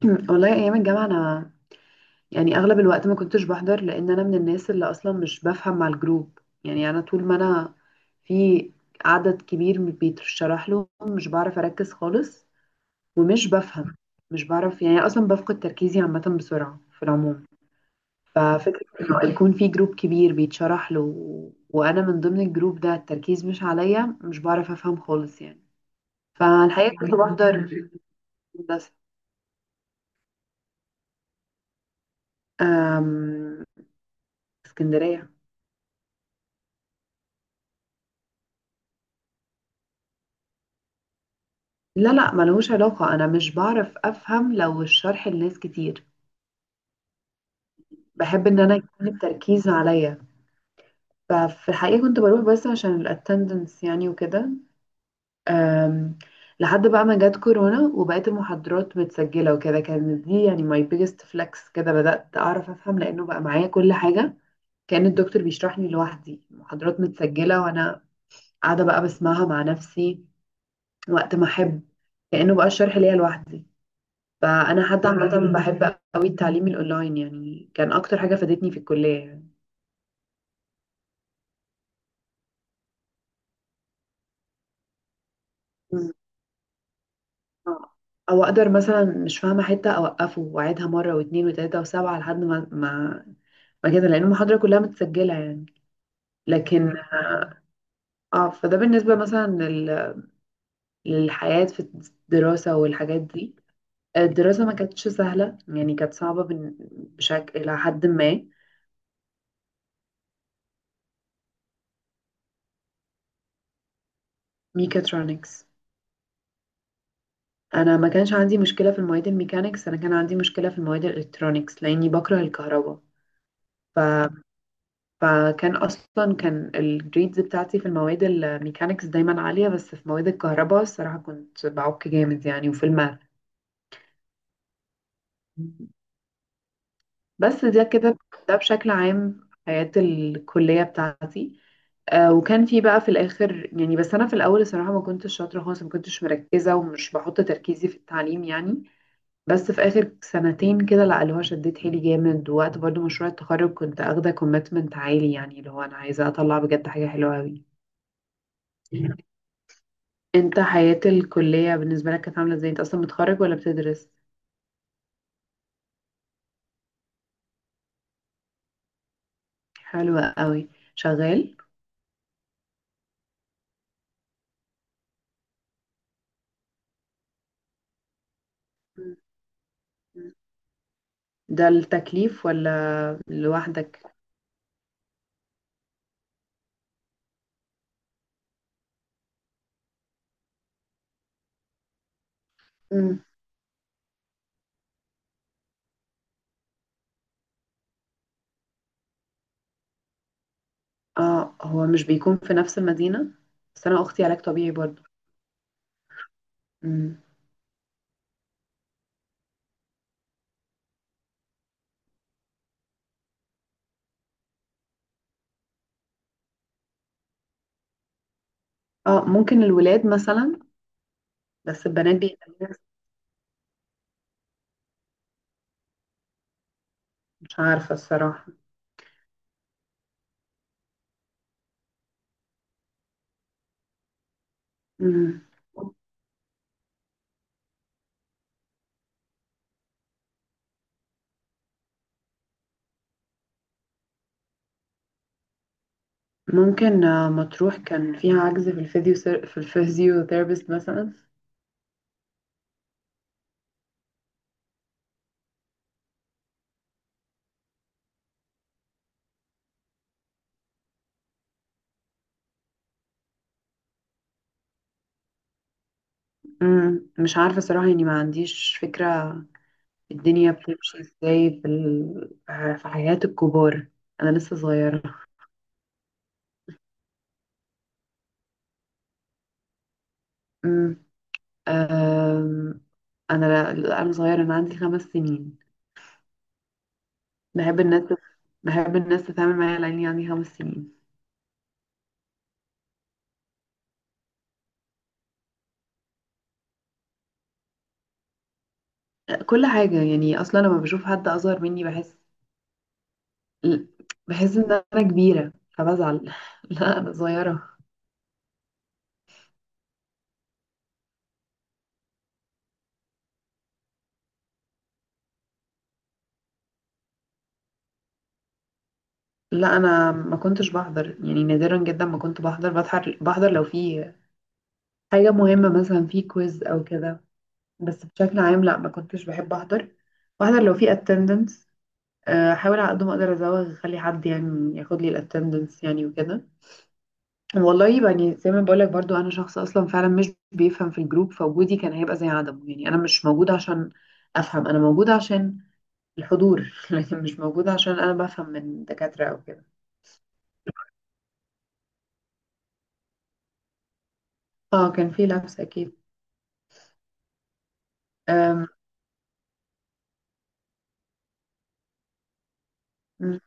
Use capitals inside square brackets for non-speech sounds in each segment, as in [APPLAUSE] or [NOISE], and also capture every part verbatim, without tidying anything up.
[CLEARS THROAT] والله ايام الجامعه انا، يعني اغلب الوقت ما كنتش بحضر لان انا من الناس اللي اصلا مش بفهم مع الجروب. يعني انا طول ما انا في عدد كبير بيتشرح له مش بعرف اركز خالص، ومش بفهم، مش بعرف يعني اصلا بفقد تركيزي عامه بسرعه في العموم. ففكره انه يكون في جروب كبير بيتشرح له وانا من ضمن الجروب ده، التركيز مش عليا، مش بعرف افهم خالص يعني. فالحقيقه كنت بحضر هندسه. أم، اسكندريه. لا لا، ملهوش علاقة، أنا مش بعرف أفهم لو الشرح لناس كتير. بحب إن أنا يكون التركيز عليا. ففي الحقيقة كنت بروح بس عشان الاتندنس يعني وكده. أم، لحد بقى ما جت كورونا وبقيت المحاضرات متسجلة وكده، كانت دي يعني my biggest flex. كده بدأت أعرف أفهم لأنه بقى معايا كل حاجة، كأن الدكتور بيشرحني لوحدي، المحاضرات متسجلة وأنا قاعدة بقى بسمعها مع نفسي وقت ما أحب، كأنه بقى الشرح ليا لوحدي. فانا حتى عامه بحب قوي التعليم الاونلاين، يعني كان اكتر حاجه فادتني في الكليه يعني. مم. آه. او اقدر مثلا مش فاهمه حته اوقفه واعيدها مره واثنين وثلاثه وسبعه لحد ما ما ما كده، لان المحاضره كلها متسجله يعني. لكن اه، فده بالنسبه مثلا لل... للحياه في الدراسه والحاجات دي. الدراسه ما كانتش سهله، يعني كانت صعبه بن... بشكل الى حد ما. ميكاترونكس. انا ما كانش عندي مشكله في المواد الميكانيكس، انا كان عندي مشكله في المواد الالكترونيكس لاني بكره الكهرباء. ف... فكان اصلا كان الجريدز بتاعتي في المواد الميكانيكس دايما عاليه، بس في مواد الكهرباء الصراحه كنت بعك جامد يعني، وفي الماث. بس ده كده، ده بشكل عام حياه الكليه بتاعتي. آه، وكان في بقى في الاخر يعني، بس انا في الاول الصراحه ما كنتش شاطره خالص، ما كنتش مركزه ومش بحط تركيزي في التعليم يعني. بس في اخر سنتين كده لا، اللي هو شديت حيلي جامد. ووقت برضو مشروع التخرج كنت اخده كوميتمنت عالي، يعني اللي هو انا عايزه اطلع بجد حاجه حلوه قوي. انت حياه الكليه بالنسبه لك كانت عامله ازاي؟ انت اصلا متخرج ولا بتدرس؟ حلوه قوي. شغال. مم. ده التكليف ولا لوحدك؟ مم. اه، هو مش بيكون في نفس المدينه؟ بس انا اختي علاج طبيعي برضو. مم. اه ممكن الولاد مثلا. بس البنات بيبقى ليها- مش عارفه الصراحه. مم. ممكن آه، مطروح كان فيها عجز في الفيزيو، في الفيزيوثيرابيست مثلا. مم، مش عارفة صراحة يعني، ما عنديش فكرة. الدنيا بتمشي ازاي في ال... في حياة الكبار؟ أنا لسه صغيرة. مم، آم، أنا أنا صغيرة، أنا عندي خمس سنين. بحب الناس، بحب الناس تتعامل معايا على إني عندي خمس سنين. كل حاجة يعني أصلا لما بشوف حد أصغر مني بحس بحس إن أنا كبيرة، فبزعل. [LAUGHS] لا أنا صغيرة. لا انا ما كنتش بحضر يعني، نادرا جدا ما كنت بحضر. بحضر بحضر لو في حاجه مهمه مثلا، في كويز او كده. بس بشكل عام لا، ما كنتش بحب احضر. بحضر لو في اتندنس، احاول على قد ما اقدر ازوغ، اخلي حد يعني ياخد لي الاتندنس يعني وكده. والله يعني زي ما بقولك برضو، انا شخص اصلا فعلا مش بيفهم في الجروب، فوجودي كان هيبقى زي عدمه يعني، انا مش موجوده عشان افهم، انا موجوده عشان الحضور. [LAUGHS] لكن مش موجوده عشان انا بفهم من دكاتره او كده. اه كان في لبس اكيد. أم، مم.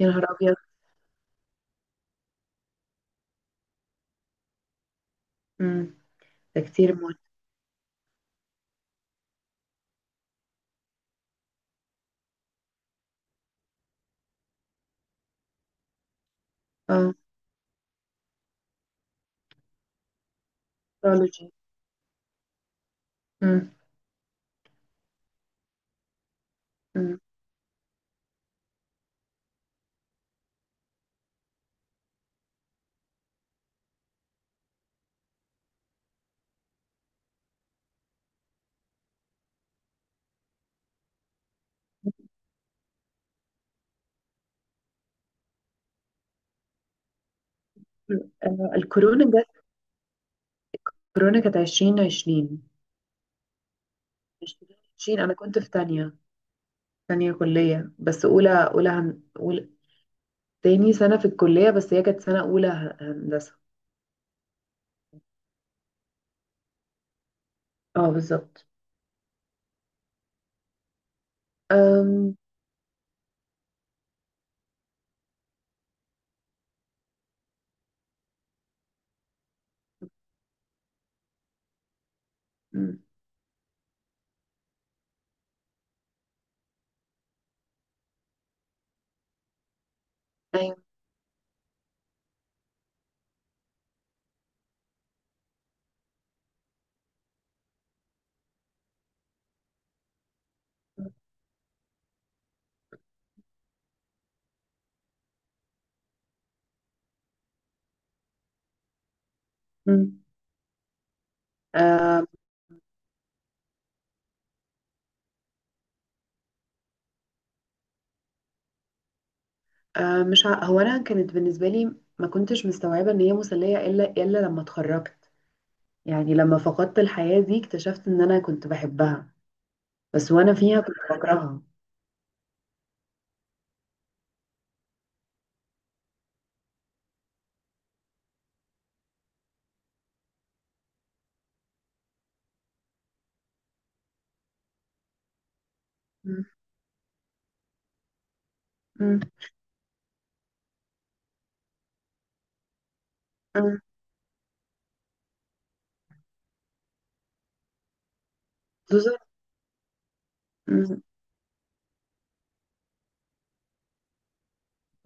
يا نهار أبيض. مم. ده كتير موت. اه astrology. مم. مم. آه، الكورونا جت. الكورونا كانت عشرين عشرين. عشرين عشرين. أنا كنت في تانية، تانية كلية، بس أولى، أولى هن... أولى تاني سنة في الكلية، بس هي كانت سنة أولى ه- هندسة. اه بالظبط. أم... مم. أيوة. مم. آه، آه، مش ع... هو أنا كانت بالنسبة لي ما كنتش مستوعبة إن هي مسلية إلا إلا لما اتخرجت. يعني لما فقدت الحياة دي اكتشفت إن أنا كنت بحبها. بس وانا فيها كنت بكرهها. مم. مم. مم. خصوصا. مم.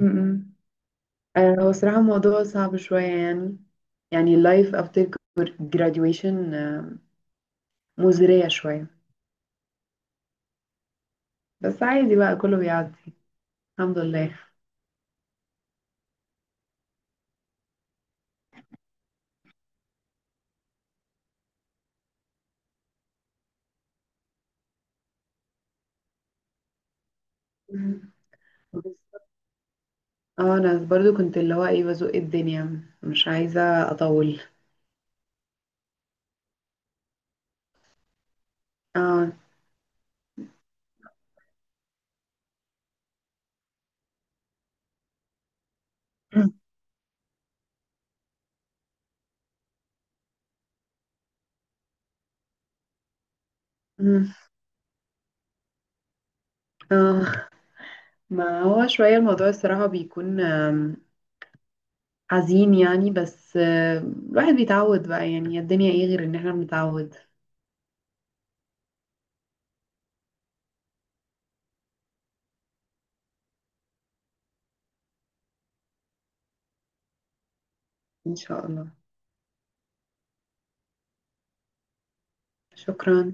مم. آه، هو صراحة الموضوع صعب شوية يعني، يعني life after graduation آه، مزرية شوية. بس عادي بقى، كله بيعدي الحمد لله. مم. بس- اه انا برضو كنت اللي هو ايه بزق الدنيا، مش عايزة اطول. اه. مم. اه ما هو شوية الموضوع الصراحة بيكون آم، حزين يعني. بس آه، الواحد بيتعود بقى. يعني الدنيا ايه غير ان احنا بنتعود. ان شاء الله. شكرا.